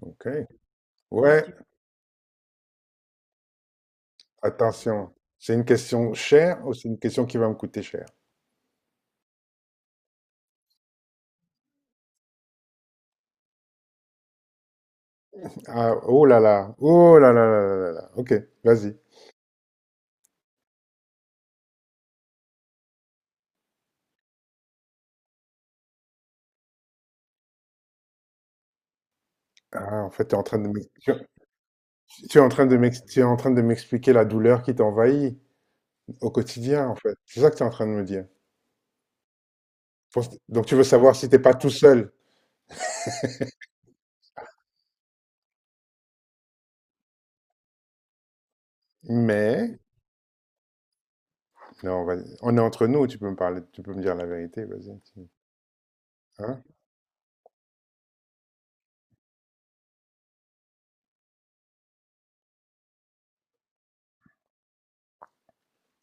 OK. Ouais, attention. C'est une question chère ou c'est une question qui va me coûter cher? Ah, oh là là, oh là là là là là. Là. Ok, vas-y. Ah, en fait, tu es en train de m'expliquer la douleur qui t'envahit au quotidien, en fait. C'est ça que tu es en train de me dire. Donc, tu veux savoir si t'es pas tout seul. Mais, non, vas-y. On est entre nous, tu peux me parler, tu peux me dire la vérité, vas-y. Hein?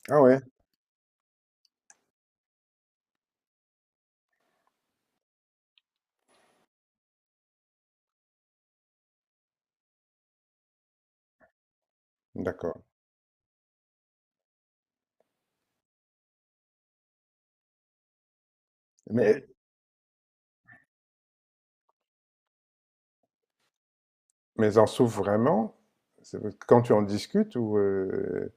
Ah ouais, d'accord. Mais, mais en souffre vraiment? C'est- Quand tu en discutes ou…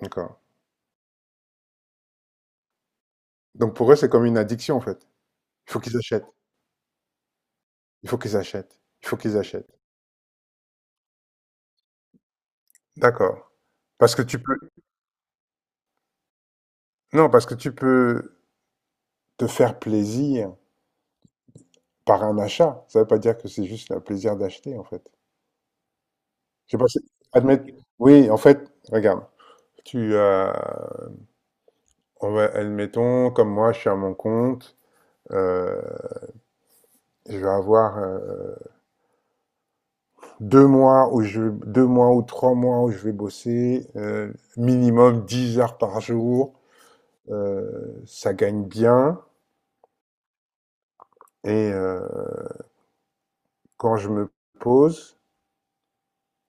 D'accord. Donc pour eux, c'est comme une addiction en fait. Il faut qu'ils achètent, il faut qu'ils achètent, il faut qu'ils achètent. D'accord. Parce que tu peux... Non, parce que tu peux te faire plaisir par un achat. Ça veut pas dire que c'est juste le plaisir d'acheter en fait. Je sais pas si... Admettre... Oui, en fait, regarde. Tu, euh, admettons, comme moi, je suis à mon compte. euh, je vais avoir 2 mois où 2 mois ou 3 mois où je vais bosser minimum 10 heures par jour. Ça gagne bien. Et quand je me pose,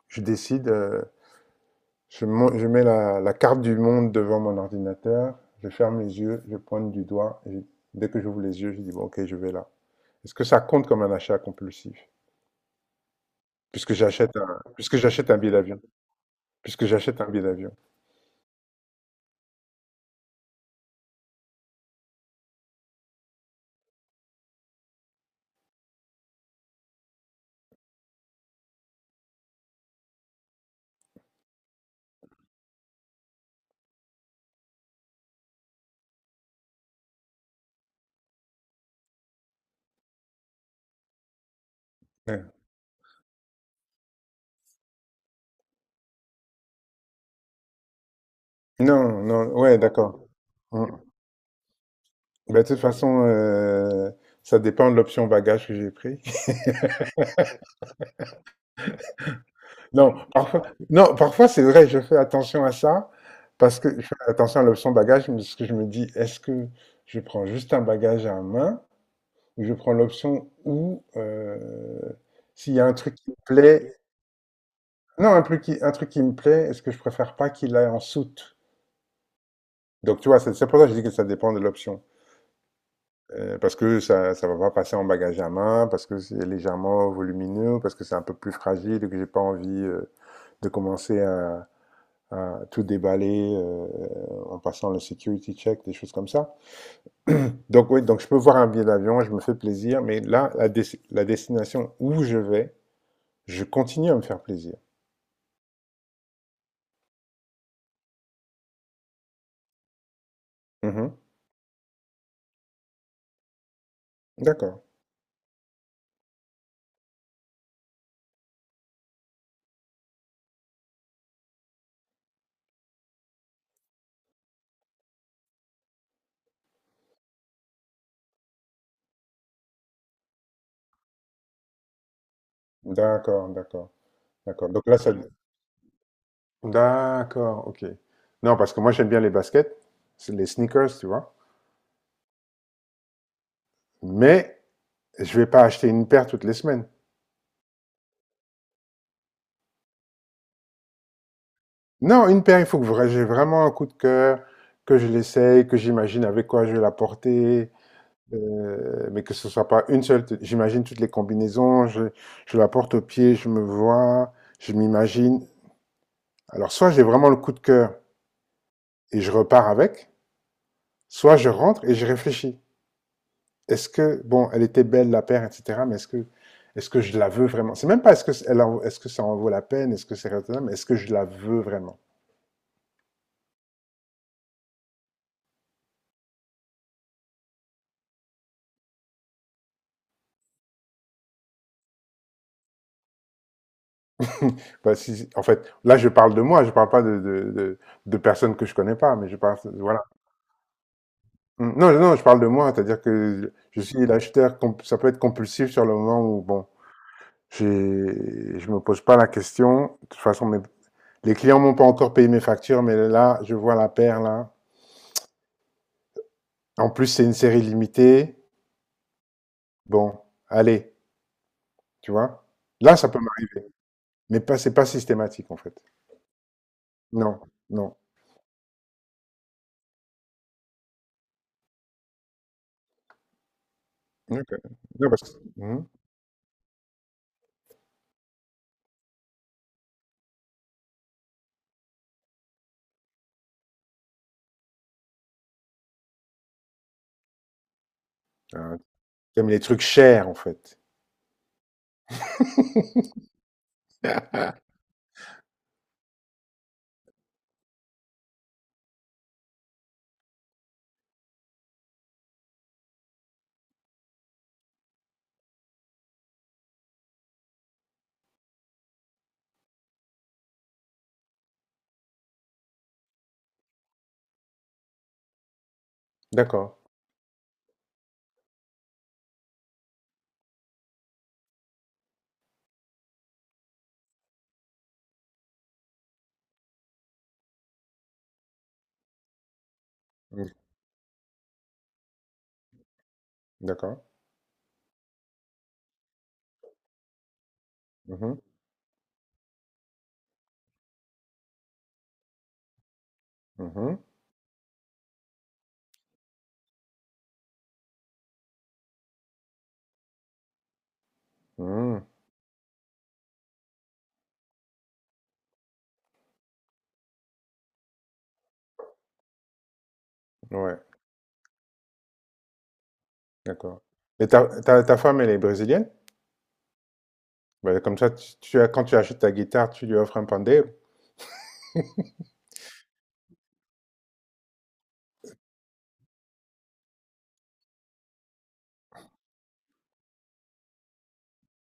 je décide, je mets la carte du monde devant mon ordinateur, je ferme les yeux, je pointe du doigt, et dès que j'ouvre les yeux, je dis, bon, ok, je vais là. Est-ce que ça compte comme un achat compulsif? Puisque j'achète un billet d'avion. Puisque j'achète un billet d'avion. Ouais. Non, non, ouais, d'accord. Hum. Bah, de toute façon, ça dépend de l'option bagage que j'ai pris. Non, parfois, non, parfois c'est vrai, je fais attention à ça, parce que je fais attention à l'option bagage, parce que je me dis, est-ce que je prends juste un bagage à main, ou je prends l'option où, s'il y a un truc qui me plaît, non, un truc qui me plaît, est-ce que je préfère pas qu'il aille en soute? Donc tu vois, c'est pour ça que je dis que ça dépend de l'option. Parce que ça va pas passer en bagage à main, parce que c'est légèrement volumineux, parce que c'est un peu plus fragile et que j'ai pas envie de commencer à tout déballer en passant le security check, des choses comme ça. Donc oui, donc je peux voir un billet d'avion, je me fais plaisir, mais là, la destination où je vais, je continue à me faire plaisir. Mhm. D'accord, d'accord, d'accord, d'accord. Donc là, ça… D'accord, ok. Non, parce que moi, j'aime bien les baskets, c'est les sneakers, tu vois. Mais je vais pas acheter une paire toutes les semaines. Non, une paire, il faut j'ai vraiment un coup de cœur, que je l'essaye, que j'imagine avec quoi je vais la porter, mais que ce soit pas une seule. J'imagine toutes les combinaisons, je la porte au pied, je me vois, je m'imagine. Alors, soit j'ai vraiment le coup de cœur et je repars avec, soit je rentre et je réfléchis. Est-ce que, bon, elle était belle, la paire, etc., mais est-ce que je la veux vraiment? C'est même pas est-ce que, est-ce que ça en vaut la peine, est-ce que c'est raisonnable, est-ce que je la veux vraiment? Bah, en fait, là, je parle de moi, je parle pas de personnes que je connais pas, mais je parle, voilà. Mm. Non, non, je parle de moi, c'est-à-dire que je suis l'acheteur, ça peut être compulsif sur le moment où, bon, je me pose pas la question. De toute façon, les clients m'ont pas encore payé mes factures, mais là, je vois la paire, là. En plus, c'est une série limitée. Bon, allez, tu vois. Là, ça peut m'arriver, mais pas, c'est pas systématique, en fait. Non, non. Ok. Non, parce que, mhm. Ah, t'aimes les trucs chers, en fait. D'accord. Mm. D'accord. Mhm. Mhm. Mhm. Ouais. D'accord. Et ta femme, elle est brésilienne? Bah comme ça, quand tu achètes ta guitare, tu lui offres un pandeiro.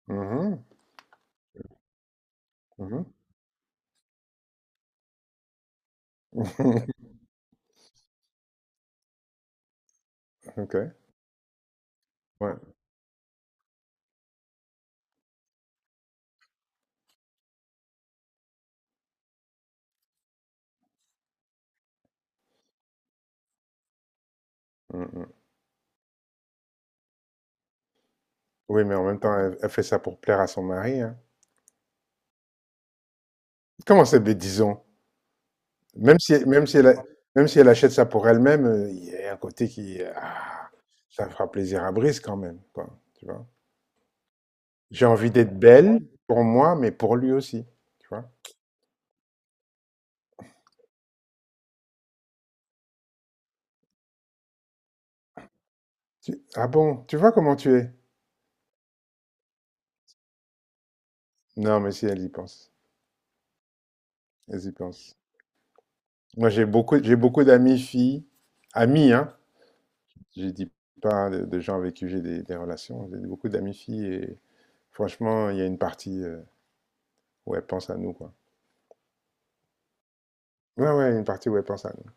Mhm, mhm. Ok, ouais. Mhm. Oui, mais en même temps, elle, elle fait ça pour plaire à son mari, hein. Comment c'est bêtison? Même si, même si elle achète ça pour elle-même, il y a un côté qui, ah, ça fera plaisir à Brice quand même, quoi, tu vois. J'ai envie d'être belle pour moi, mais pour lui aussi, tu vois. Ah bon, tu vois comment tu es? Non, mais si, elle y pense. Elle y pense. Moi, j'ai beaucoup d'amis filles, amis, hein. Je dis pas de gens avec qui j'ai des relations. J'ai beaucoup d'amis filles et franchement, il y a une partie où elles pensent à nous, quoi. Ouais, ouais, une partie où elles pensent à nous.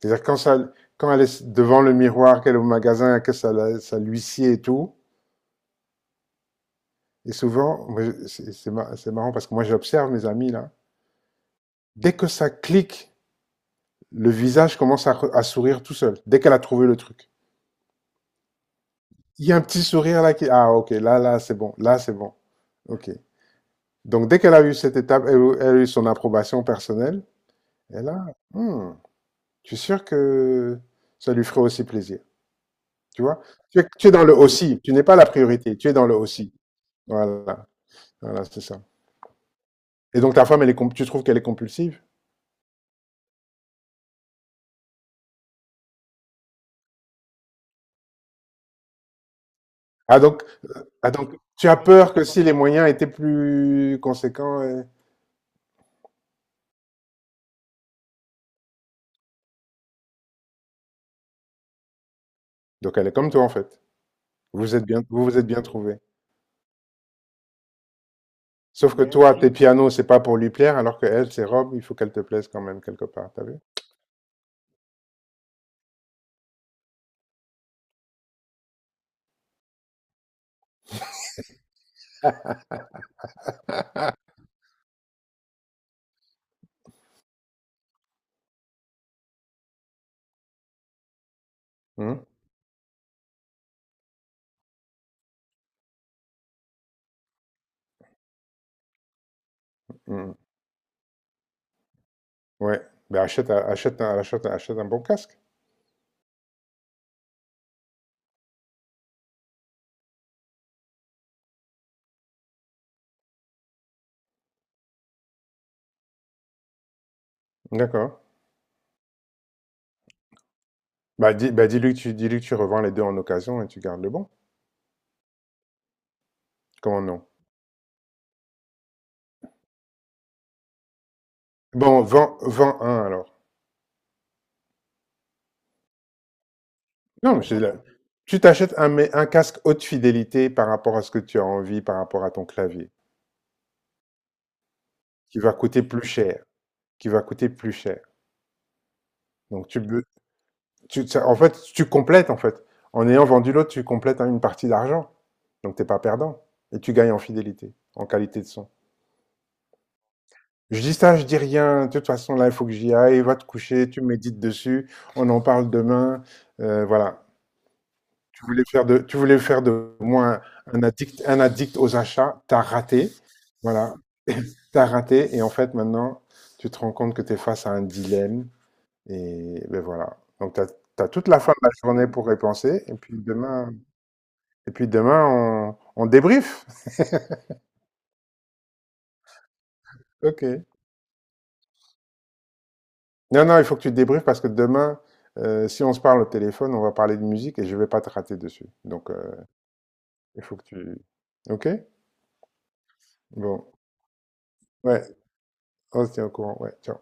C'est-à-dire quand ça, quand elle est devant le miroir, qu'elle est au magasin, que ça, ça l'huissier et tout. Et souvent, moi, c'est marrant parce que moi, j'observe mes amis là. Dès que ça clique, le visage commence à sourire tout seul. Dès qu'elle a trouvé le truc, il y a un petit sourire là qui, ah, ok, là, là, c'est bon, ok. Donc, dès qu'elle a eu cette étape, elle, elle a eu son approbation personnelle. Elle a, hmm, je suis sûr que ça lui ferait aussi plaisir. Tu vois? Tu es dans le aussi. Tu n'es pas la priorité. Tu es dans le aussi. Voilà. Voilà, c'est ça. Et donc, ta femme, tu trouves qu'elle est compulsive? Ah donc, ah donc, tu as peur que si les moyens étaient plus conséquents, donc elle est comme toi en fait. Vous êtes bien, vous vous êtes bien trouvé. Sauf que toi, tes pianos, c'est pas pour lui plaire, alors que elle, ses robes, il faut qu'elle te plaise quand même quelque part. T'as vu? Hum, hum. Ouais. Ben achète un bon casque. D'accord. Bah dis-lui que dis-lui que tu revends les deux en occasion et tu gardes le bon. Comment non? Bon, vends un alors. Non, mais tu t'achètes un, mais un casque haute fidélité par rapport à ce que tu as envie, par rapport à ton clavier, qui va coûter plus cher, qui va coûter plus cher. Donc en fait, tu complètes, en fait. En ayant vendu l'autre, tu complètes hein, une partie d'argent. Donc, t'es pas perdant. Et tu gagnes en fidélité, en qualité de son. Je dis ça, je dis rien. De toute façon, là, il faut que j'y aille. Va te coucher, tu médites dessus. On en parle demain. Voilà. Tu voulais faire de moi un addict aux achats. T'as raté. Voilà. T'as raté. Et en fait, maintenant, tu te rends compte que t'es face à un dilemme. Et ben voilà. Donc, t'as toute la fin de la journée pour y penser. Et puis demain, on débrief. Ok. Non, non, il faut que tu débriefes parce que demain, si on se parle au téléphone, on va parler de musique et je vais pas te rater dessus. Donc, il faut que tu... Ok? Bon. Ouais, on se tient au courant. Ouais, ciao.